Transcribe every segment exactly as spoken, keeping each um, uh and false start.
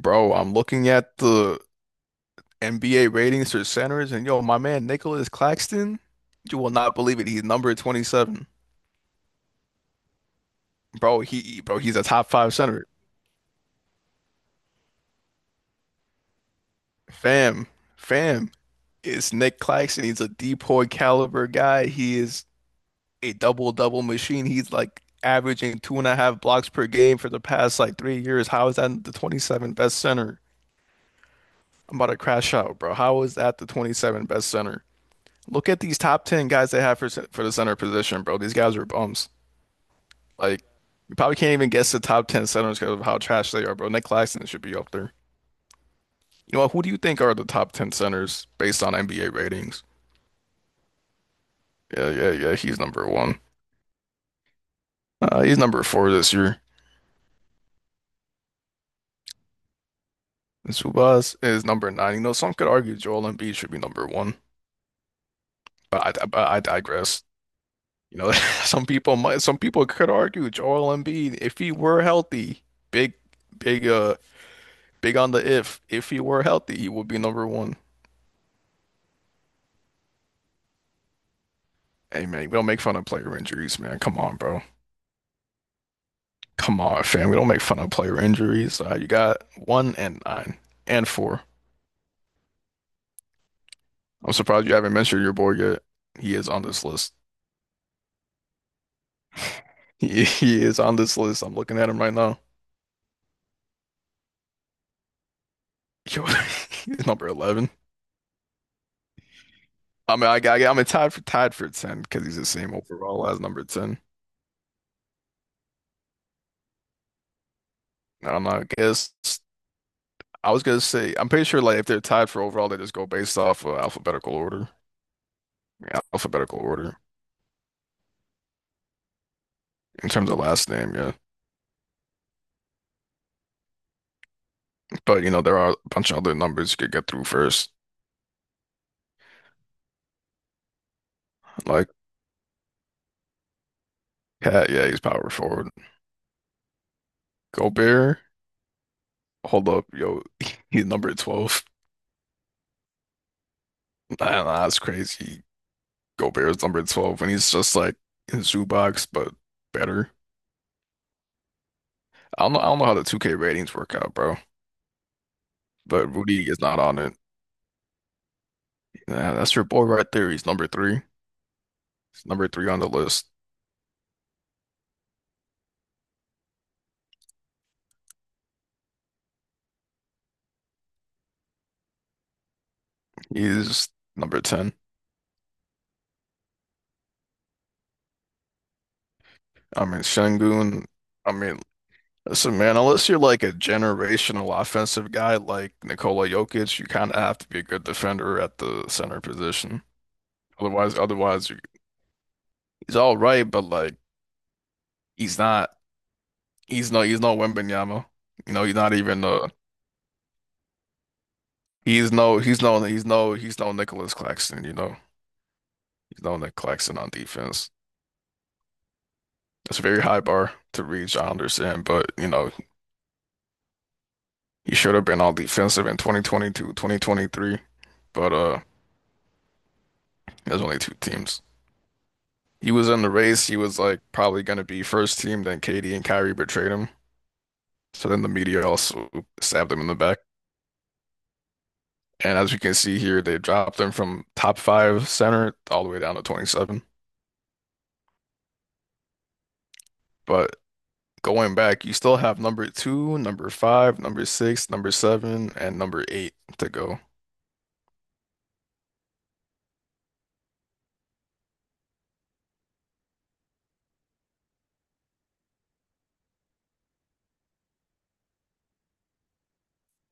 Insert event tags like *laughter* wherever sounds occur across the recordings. Bro, I'm looking at the N B A ratings for centers, and yo, my man Nicholas Claxton, you will not believe it. He's number twenty-seven. Bro, he bro, he's a top five center. Fam, fam, it's Nick Claxton. He's a DPOY caliber guy. He is a double double machine. He's like averaging two and a half blocks per game for the past like three years. How is that the twenty-seventh best center? I'm about to crash out, bro. How is that the twenty-seventh best center? Look at these top ten guys they have for for the center position, bro. These guys are bums. Like, you probably can't even guess the top ten centers because of how trash they are, bro. Nick Claxton should be up there. You know what? Who do you think are the top ten centers based on N B A ratings? Yeah, yeah, yeah. He's number one. Uh, he's number four this year. And Subas is number nine. You know, some could argue Joel Embiid should be number one, but I, but I digress. You know, *laughs* some people might, some people could argue Joel Embiid, if he were healthy, big, big, uh, big on the if. If he were healthy, he would be number one. Hey man, we don't make fun of player injuries, man. Come on, bro. Come on, fam. We don't make fun of player injuries. Uh, you got one and nine and four. I'm surprised you haven't mentioned your boy yet. He is on this list. He, he is on this list. I'm looking at him right now. Yo, *laughs* he's number eleven. I mean, I got, I'm tied for tied for ten because he's the same overall as number ten. I don't know. I guess I was gonna say I'm pretty sure like if they're tied for overall, they just go based off of alphabetical order. Yeah, alphabetical order in terms of last name, yeah. But you know, there are a bunch of other numbers you could get through first. Like Cat, yeah, he's power forward. Gobert, hold up, yo, *laughs* he's number twelve. I do That's crazy. Gobert's number twelve when he's just like in Zubox, but better. I don't know, I don't know how the two K ratings work out, bro. But Rudy is not on it. Nah, that's your boy right there. He's number three. He's number three on the list. He's number ten. I mean, Şengün. I mean, listen, man, unless you're like a generational offensive guy like Nikola Jokic, you kind of have to be a good defender at the center position. Otherwise, otherwise you he's all right, but like he's not. He's no. He's no Wembanyama. You know, he's not even. Uh, he's no. He's no. He's no. He's no Nicholas Claxton. You know, he's no Nick Claxton on defense. It's a very high bar to reach. I understand, but you know, he should have been all defensive in twenty twenty-two, twenty twenty-three. But uh, there's only two teams. He was in the race. He was like probably going to be first team. Then Katie and Kyrie betrayed him. So then the media also stabbed him in the back. And as you can see here, they dropped him from top five center all the way down to twenty-seven. But going back, you still have number two, number five, number six, number seven, and number eight to go.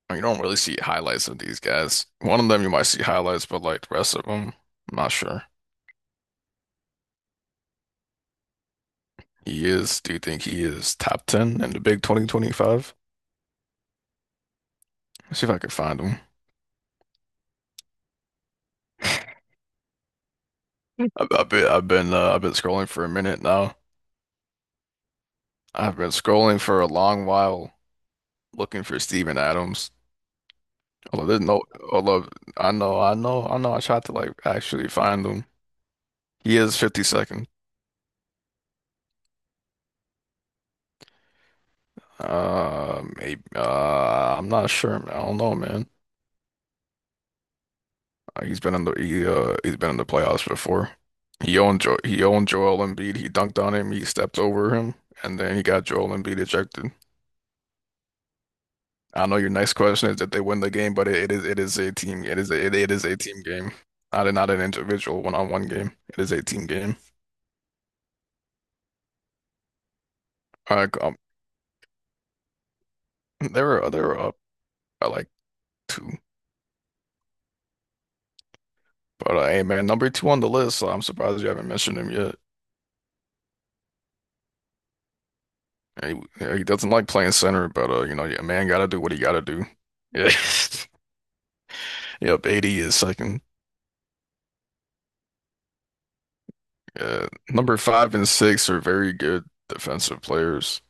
I mean, you don't really see highlights of these guys. One of them you might see highlights, but like the rest of them, I'm not sure. He is, do you think he is top ten in the big two thousand twenty-five? Let's see if I can find him. I've, I've been I've been uh, I've been scrolling for a minute now. I've been scrolling for a long while looking for Steven Adams. Although there's no, although I know, I know, I know, I tried to like actually find him. He is fifty-second. Uh, maybe. Uh, I'm not sure, man. I don't know, man. Uh, he's been in the he uh he's been in the playoffs before. He owned jo he owned Joel Embiid. He dunked on him. He stepped over him, and then he got Joel Embiid ejected. I know your next question is that they win the game, but it, it is it is a team. It is a, it, it is a team game, not a, not an individual one-on-one game. It is a team game. Like, um, there were there were up by like two, but uh, hey man, number two on the list. So I'm surprised you haven't mentioned him yet. He, he doesn't like playing center, but uh, you know, a man gotta do what he gotta do. Yeah, *laughs* yep. eighty is second. Yeah, number five and six are very good defensive players.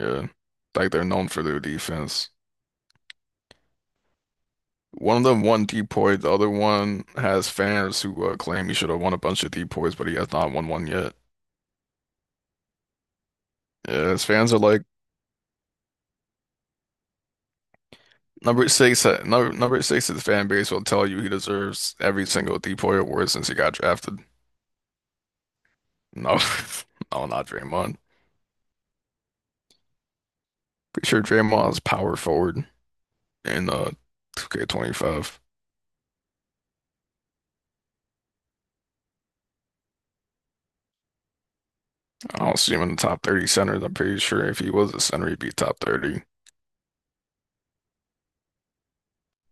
Yeah, like they're known for their defense. One of them won depoy, the other one has fans who uh, claim he should have won a bunch of depoys, but he has not won one yet. Yeah, his fans are like number six. uh, Number number six, his fan base will tell you he deserves every single depoy award since he got drafted. No, *laughs* no, not Draymond. Pretty sure Draymond is power forward in uh two K twenty-five. I don't see him in the top thirty centers. I'm pretty sure if he was a center, he'd be top thirty.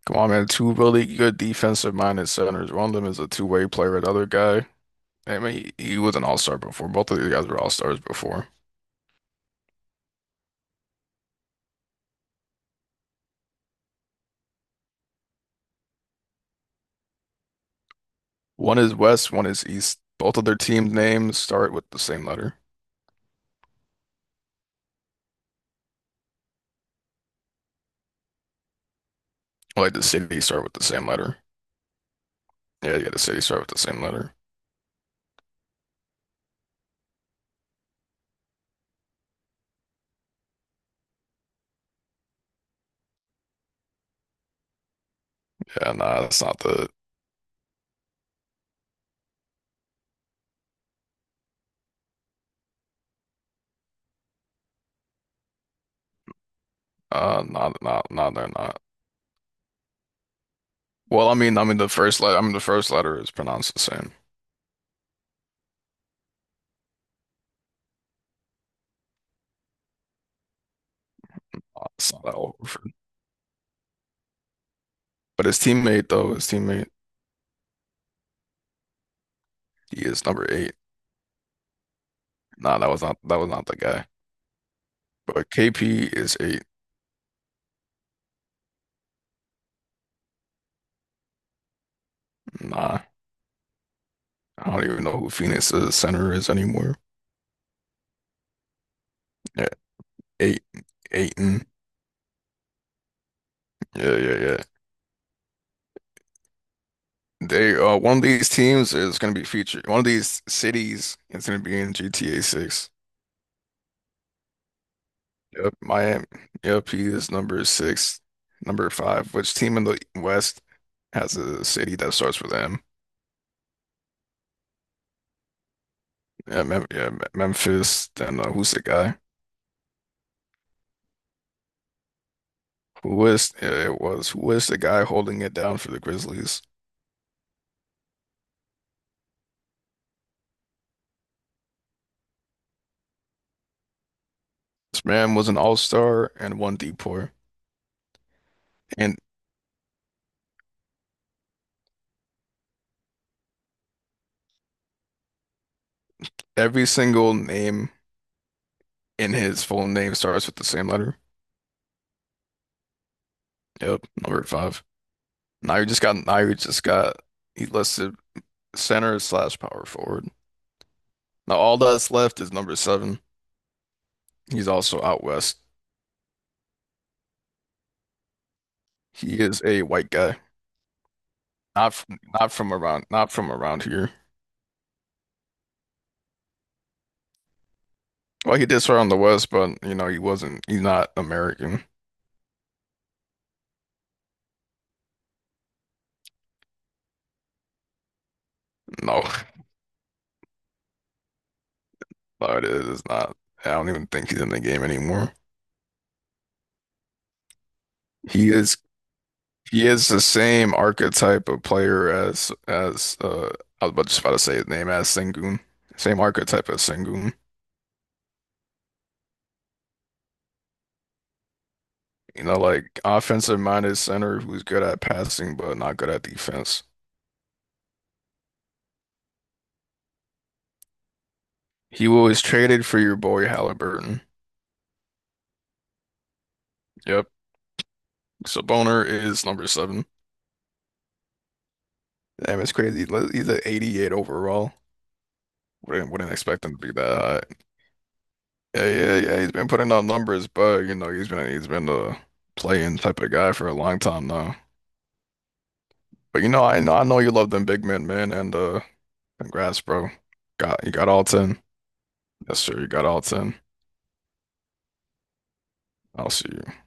Come on, man. Two really good defensive minded centers. One of them is a two-way player. The other guy. I mean, he, he was an all-star before. Both of these guys were all-stars before. One is West, one is East. Both of their team names start with the same letter. Like the city start with the same letter. Yeah, yeah, the city start with the same letter. Yeah, nah, that's not the uh not not not they're not. Well, I mean I mean the first letter I mean the first letter is pronounced the same. Uh, It's not that Horford. But his teammate though, his teammate, he is number eight. Nah, that was not that was not the guy. But K P is eight. Nah. I don't even know who Phoenix's center is anymore. Eight, Aiton. Yeah, yeah, yeah. They uh one of these teams is gonna be featured. One of these cities is gonna be in G T A six. Yep, Miami. Yep, he is number six. Number five. Which team in the West has a city that starts with M? Yeah, Mem yeah, Me- Memphis. Then uh, who's the guy? Who is? Yeah, it was. Who is the guy holding it down for the Grizzlies? This man was an all-star and one D-Poor. And every single name in his full name starts with the same letter. Yep, over at five. Now just got now you just got he listed center slash power forward. Now all that's left is number seven. He's also out west. He is a white guy. Not from, not from around not from around here. Well, he did start on the west, but you know, he wasn't he's not American. No, *laughs* no, it is not. I don't even think he's in the game anymore. He is he is the same archetype of player as as uh I was about- just about to say his name as Sengun. Same archetype as Sengun. You know, like offensive minded center who's good at passing but not good at defense. He was traded for your boy Halliburton. Yep. So Boner is number seven. Damn, it's crazy. He's at eighty-eight overall. Wouldn't wouldn't expect him to be that high. Yeah, yeah, yeah. He's been putting out numbers, but you know, he's been he's been the playing type of guy for a long time now. But you know, I know I know you love them big men, man, and uh congrats, bro. Got you got all ten. Yes, sir, you got all ten. I'll see you.